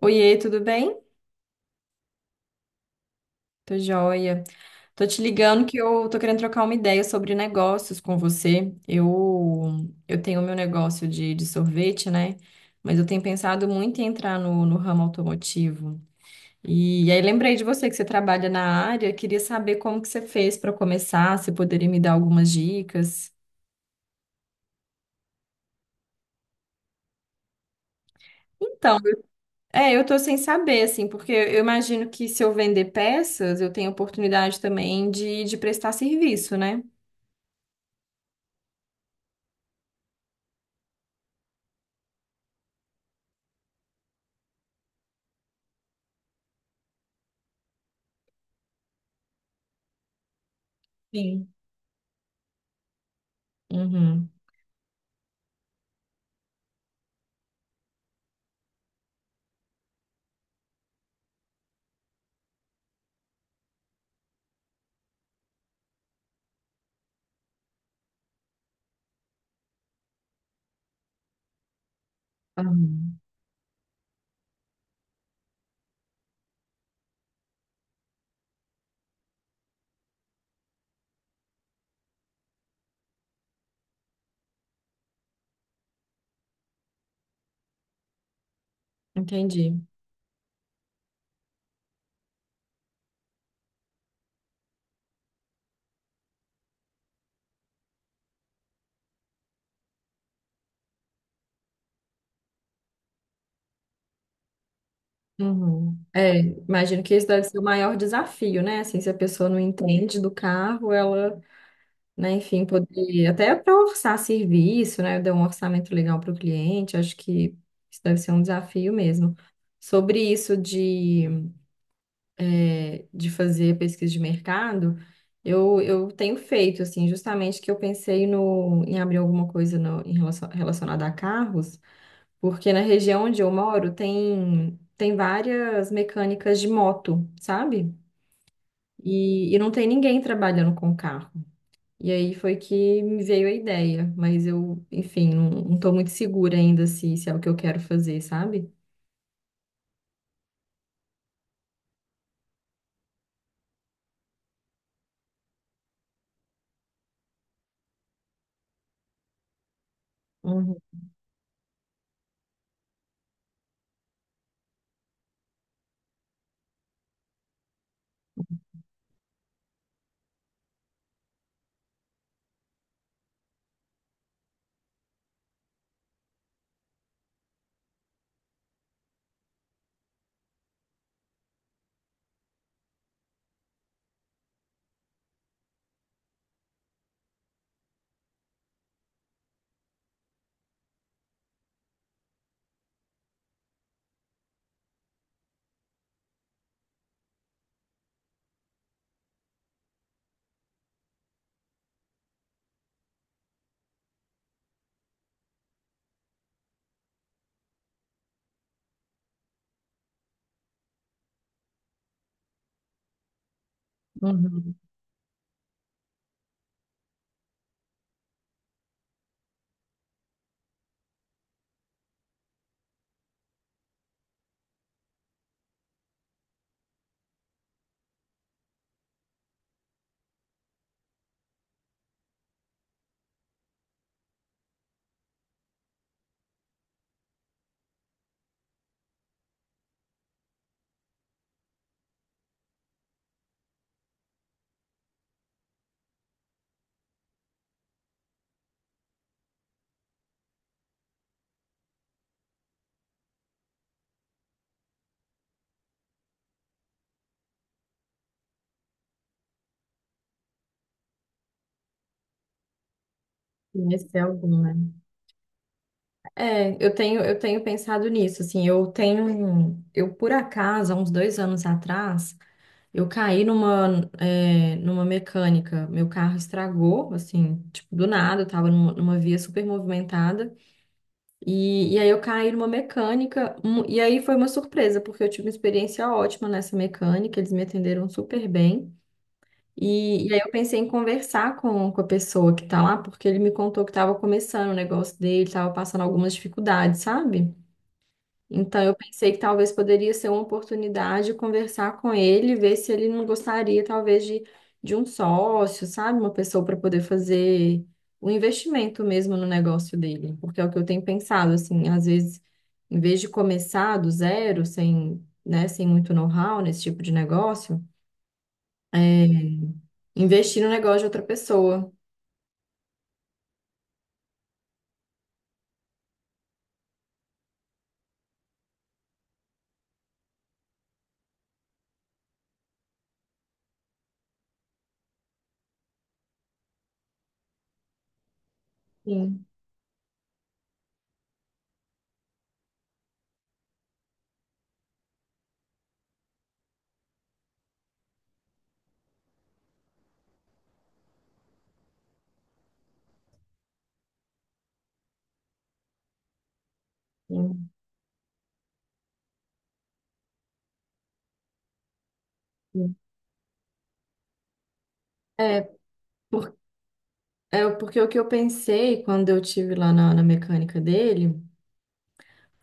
Oiê, tudo bem? Tô joia. Tô te ligando que eu tô querendo trocar uma ideia sobre negócios com você. Eu tenho meu negócio de sorvete, né? Mas eu tenho pensado muito em entrar no ramo automotivo. E, aí lembrei de você que você trabalha na área, queria saber como que você fez para começar, se poderia me dar algumas dicas. Então, é, eu tô sem saber, assim, porque eu imagino que se eu vender peças, eu tenho oportunidade também de prestar serviço, né? Sim. Uhum. Uhum, entendi. Uhum. É, imagino que esse deve ser o maior desafio, né? Assim, se a pessoa não entende do carro, ela, né, enfim, poder até para orçar serviço, né? Dar um orçamento legal para o cliente, acho que isso deve ser um desafio mesmo. Sobre isso de, é, de fazer pesquisa de mercado, eu tenho feito, assim, justamente que eu pensei no, em abrir alguma coisa no, em relação, relacionada a carros. Porque na região onde eu moro tem, tem várias mecânicas de moto, sabe? E não tem ninguém trabalhando com carro. E aí foi que me veio a ideia, mas eu, enfim, não, não tô muito segura ainda se, se é o que eu quero fazer, sabe? Uhum, uhum. Conhecer algum, né? É, eu tenho pensado nisso, assim, eu tenho, eu por acaso, há uns 2 anos atrás, eu caí numa, é, numa mecânica, meu carro estragou, assim, tipo, do nada, eu tava numa, numa via super movimentada, e aí eu caí numa mecânica, e aí foi uma surpresa, porque eu tive uma experiência ótima nessa mecânica, eles me atenderam super bem, e aí eu pensei em conversar com a pessoa que tá lá, porque ele me contou que tava começando o negócio dele, tava passando algumas dificuldades, sabe? Então, eu pensei que talvez poderia ser uma oportunidade conversar com ele, ver se ele não gostaria, talvez, de um sócio, sabe? Uma pessoa para poder fazer o investimento mesmo no negócio dele. Porque é o que eu tenho pensado, assim, às vezes, em vez de começar do zero, sem, né, sem muito know-how nesse tipo de negócio, é, investir no negócio de outra pessoa. Sim, sim, sim. É, por, é porque o que eu pensei quando eu tive lá na mecânica dele.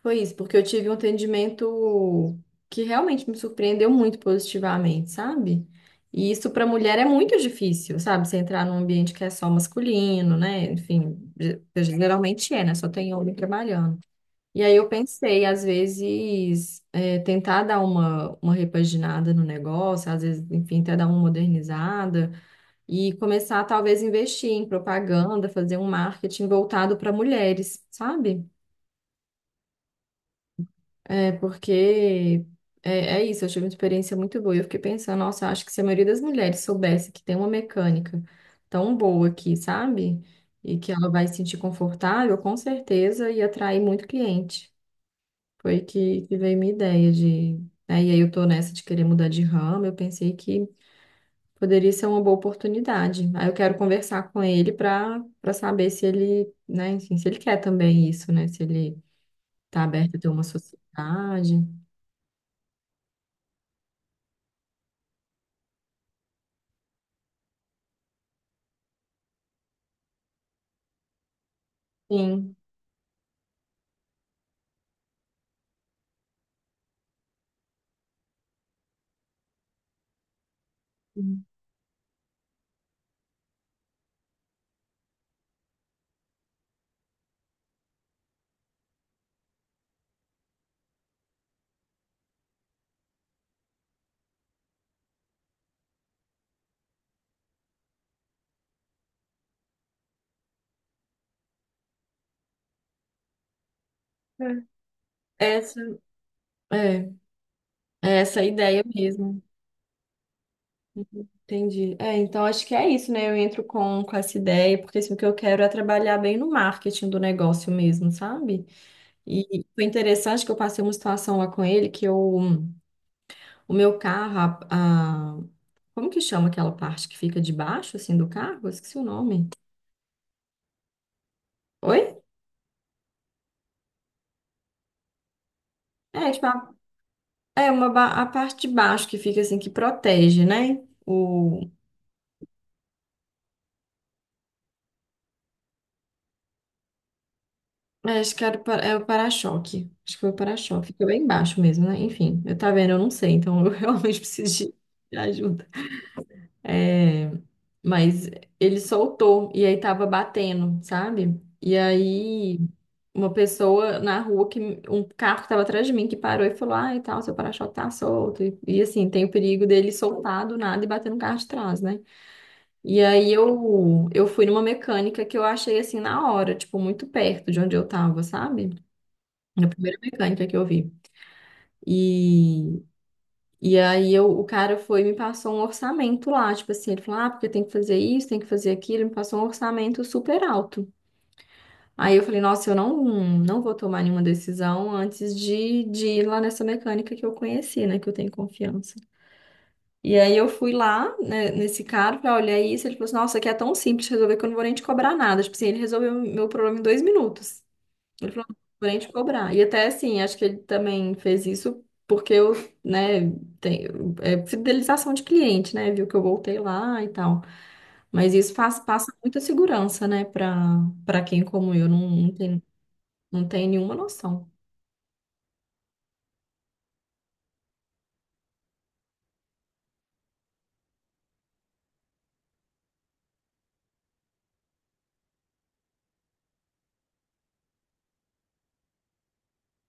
Foi isso, porque eu tive um atendimento que realmente me surpreendeu muito positivamente, sabe? E isso para mulher é muito difícil, sabe? Você entrar num ambiente que é só masculino, né? Enfim, geralmente é, né? Só tem homem trabalhando. E aí eu pensei, às vezes, é, tentar dar uma repaginada no negócio, às vezes, enfim, até dar uma modernizada e começar, talvez, a investir em propaganda, fazer um marketing voltado para mulheres, sabe? É, porque é, é isso, eu tive uma experiência muito boa. E eu fiquei pensando, nossa, acho que se a maioria das mulheres soubesse que tem uma mecânica tão boa aqui, sabe? E que ela vai se sentir confortável, com certeza ia atrair muito cliente. Foi que veio minha ideia de. Né, e aí eu tô nessa de querer mudar de ramo, eu pensei que poderia ser uma boa oportunidade. Aí eu quero conversar com ele para saber se ele, né, enfim, se ele quer também isso, né? Se ele tá aberto a ter uma sociedade. Sim. É, essa é, é essa a ideia mesmo. Entendi. É, então acho que é isso, né? Eu entro com essa ideia, porque assim, o que eu quero é trabalhar bem no marketing do negócio mesmo, sabe? E foi interessante que eu passei uma situação lá com ele, que eu, o meu carro, a, a- como que chama aquela parte que fica debaixo, assim, do carro? Eu esqueci o nome. Oi? É, tipo, a, é uma, a parte de baixo que fica assim, que protege, né? É, acho que era o é o para-choque. Acho que foi o para-choque. Ficou bem baixo mesmo, né? Enfim, eu tá vendo, eu não sei, então eu realmente preciso de ajuda. É, mas ele soltou e aí tava batendo, sabe? E aí uma pessoa na rua que um carro que tava atrás de mim que parou e falou: "Ah, e tal, seu para-choque tá solto". E, assim, tem o perigo dele soltar do nada e bater no carro de trás, né? E aí eu fui numa mecânica que eu achei assim na hora, tipo muito perto de onde eu tava, sabe? A primeira mecânica que eu vi. E, e aí eu, o cara foi e me passou um orçamento lá, tipo assim, ele falou, ah, porque tem que fazer isso, tem que fazer aquilo, ele me passou um orçamento super alto. Aí eu falei, nossa, eu não, não vou tomar nenhuma decisão antes de ir lá nessa mecânica que eu conheci, né, que eu tenho confiança. E aí eu fui lá, né, nesse cara, falei, olhar isso, ele falou assim, nossa, aqui é tão simples de resolver que eu não vou nem te cobrar nada. Tipo assim, ele resolveu meu problema em 2 minutos. Ele falou, vou nem te cobrar. E até assim, acho que ele também fez isso porque eu, né, tenho, é fidelização de cliente, né? Viu que eu voltei lá e tal. Mas isso faz, passa muita segurança, né, para quem como eu não, não tem, não tem nenhuma noção.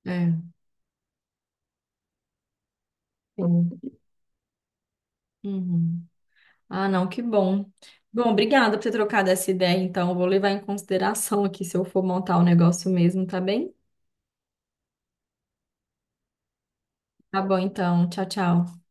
É. Sim. Uhum. Ah, não, que bom. Bom, obrigada por ter trocado essa ideia, então. Eu vou levar em consideração aqui se eu for montar o negócio mesmo, tá bem? Tá bom, então. Tchau, tchau.